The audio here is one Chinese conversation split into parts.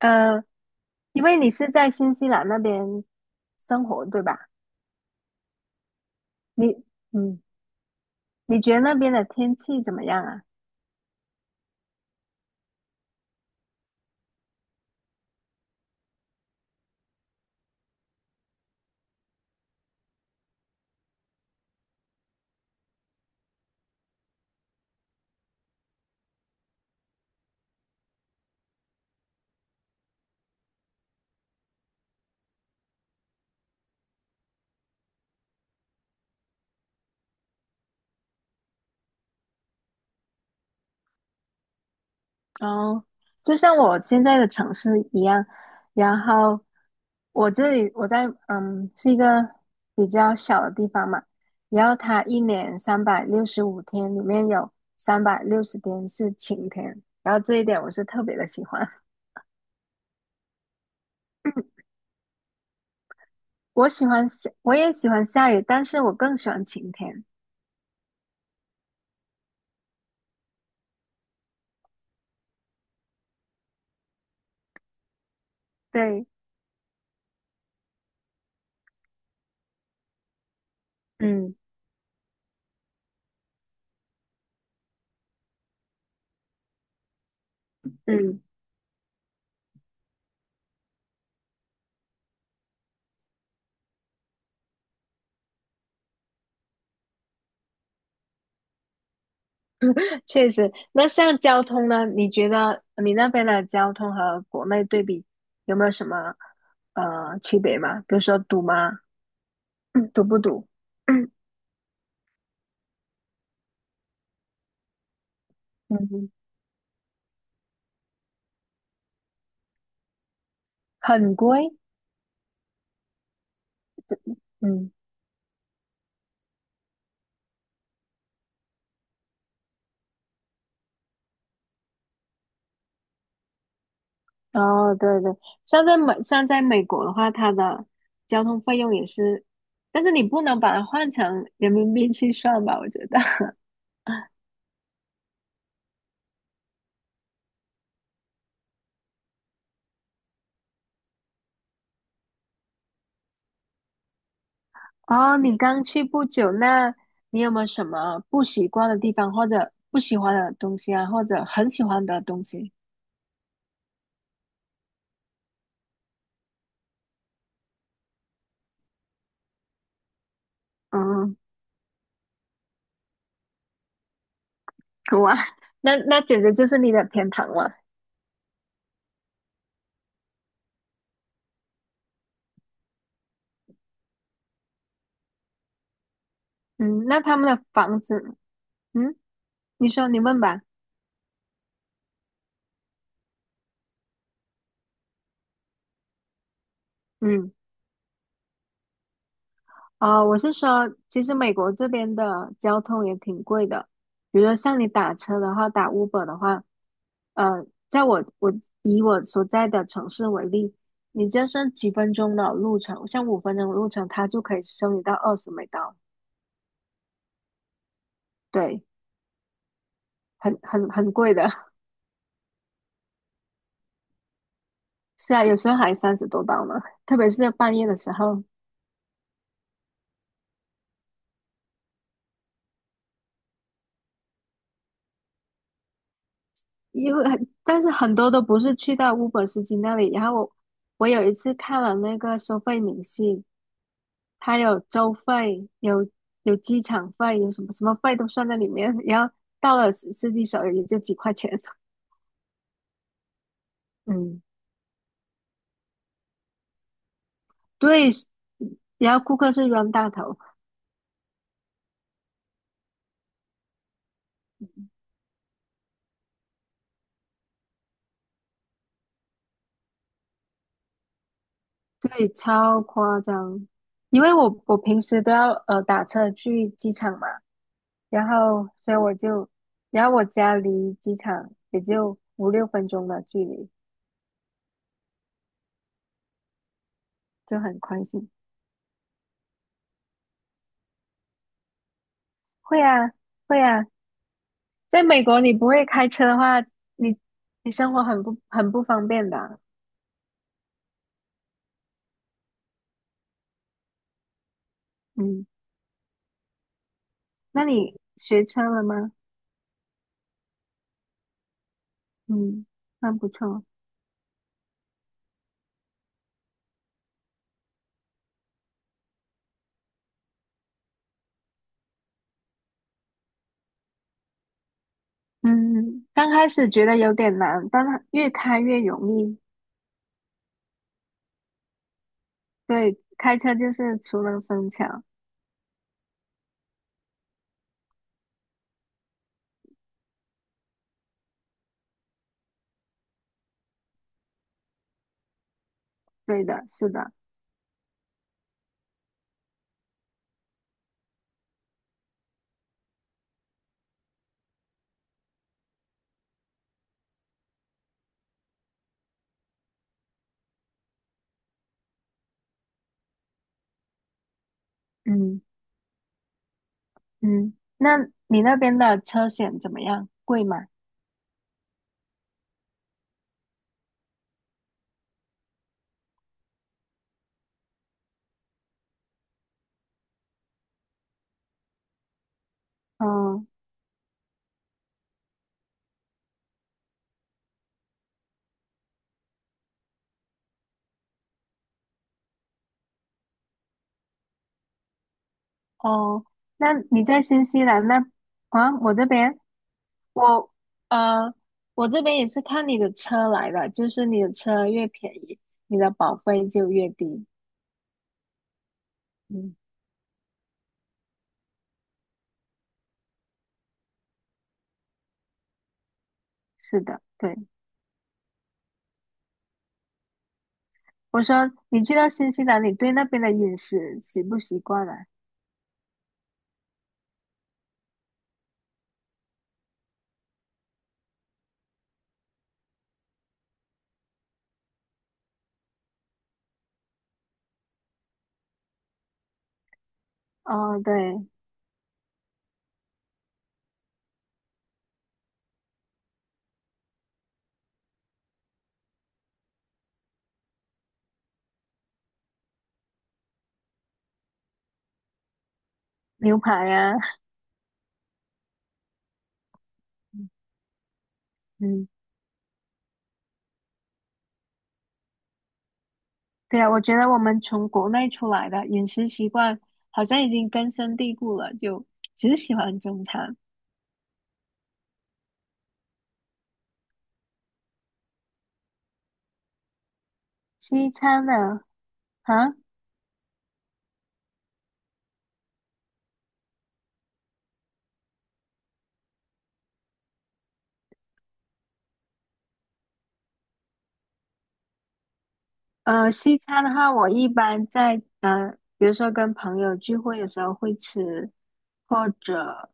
呃，因为你是在新西兰那边生活，对吧？你，嗯，你觉得那边的天气怎么样啊？哦，就像我现在的城市一样，然后我这里我在嗯是一个比较小的地方嘛，然后它一年365天里面有三百六十天是晴天，然后这一点我是特别的喜欢。我喜欢下，我也喜欢下雨，但是我更喜欢晴天。对，嗯嗯。确实。那像交通呢？你觉得你那边的交通和国内对比有没有什么区别吗？比如说堵吗？嗯堵不堵？嗯嗯，很贵。嗯，哦，对对，像在美国的话，它的交通费用也是，但是你不能把它换成人民币去算吧？我觉得。哦，你刚去不久，那你有没有什么不习惯的地方，或者不喜欢的东西啊，或者很喜欢的东西？嗯，哇，那那简直就是你的天堂了。嗯，那他们的房子，嗯，你说你问吧。嗯，哦，我是说，其实美国这边的交通也挺贵的，比如说像你打车的话，打 Uber 的话，呃，在我我以我所在的城市为例，你就算几分钟的路程，像5分钟的路程，它就可以收你到20美刀，对，很贵的。是啊，有时候还30多刀呢，特别是半夜的时候。因为很但是很多都不是去到 Uber 司机那里。然后我有一次看了那个收费明细，它有州费，有机场费，有什么什么费都算在里面。然后到了司机手里也就几块钱。嗯，对，然后顾客是冤大头，对，超夸张。因为我平时都要打车去机场嘛，然后所以我就，然后我家离机场也就5、6分钟的距离，就很宽心。会啊，会啊，在美国你不会开车的话，你你生活很不方便的啊嗯，那你学车了吗？嗯，那不错。嗯，刚开始觉得有点难，但它越开越容易。对，开车就是熟能生巧。对的，是的。嗯。嗯，那你那边的车险怎么样？贵吗？嗯，哦，那你在新西兰那啊？我这边我呃，我这边也是看你的车来的，就是你的车越便宜，你的保费就越低。嗯，是的，对。我说你去到新西兰，你对那边的饮食习不习惯啊？哦，对，牛排呀、嗯对啊，我觉得我们从国内出来的饮食习惯好像已经根深蒂固了，就只喜欢中餐。西餐的啊，西餐的话，我一般在比如说跟朋友聚会的时候会吃，或者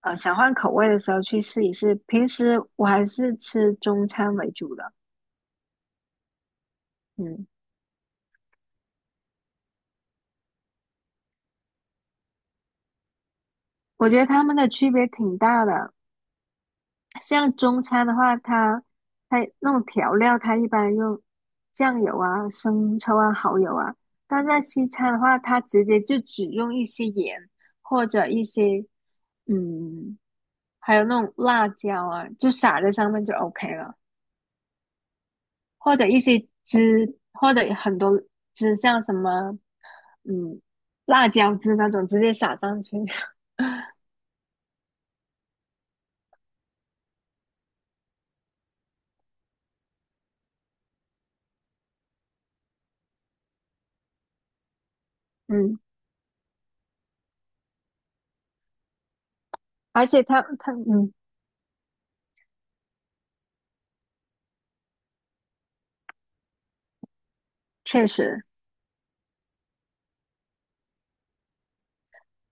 想换口味的时候去试一试。平时我还是吃中餐为主的，嗯，我觉得他们的区别挺大的。像中餐的话，它那种调料，它一般用酱油啊、生抽啊、蚝油啊。但在西餐的话，它直接就只用一些盐或者一些嗯，还有那种辣椒啊，就撒在上面就 OK 了，或者一些汁，或者很多汁，像什么嗯辣椒汁那种，直接撒上去。嗯，而且它它嗯，确实。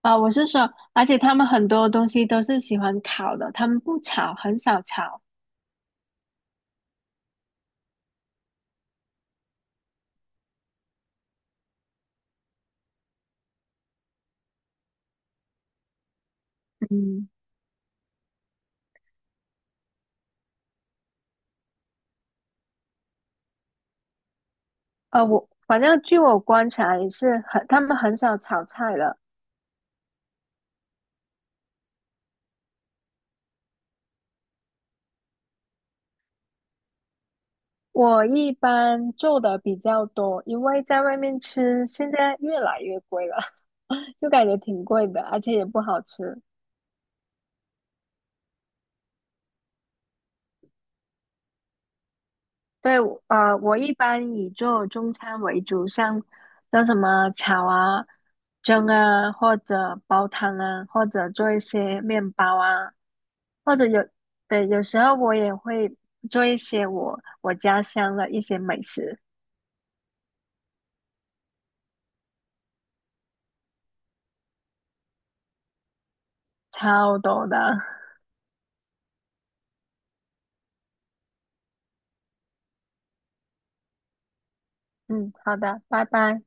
啊、我是说，而且他们很多东西都是喜欢烤的，他们不炒，很少炒。嗯，我反正据我观察也是很，他们很少炒菜的。我一般做的比较多，因为在外面吃现在越来越贵了，就感觉挺贵的，而且也不好吃。对，我我一般以做中餐为主，像像什么炒啊、蒸啊，或者煲汤啊，或者做一些面包啊，或者有，对，有时候我也会做一些我家乡的一些美食，超多的。嗯，好的，拜拜。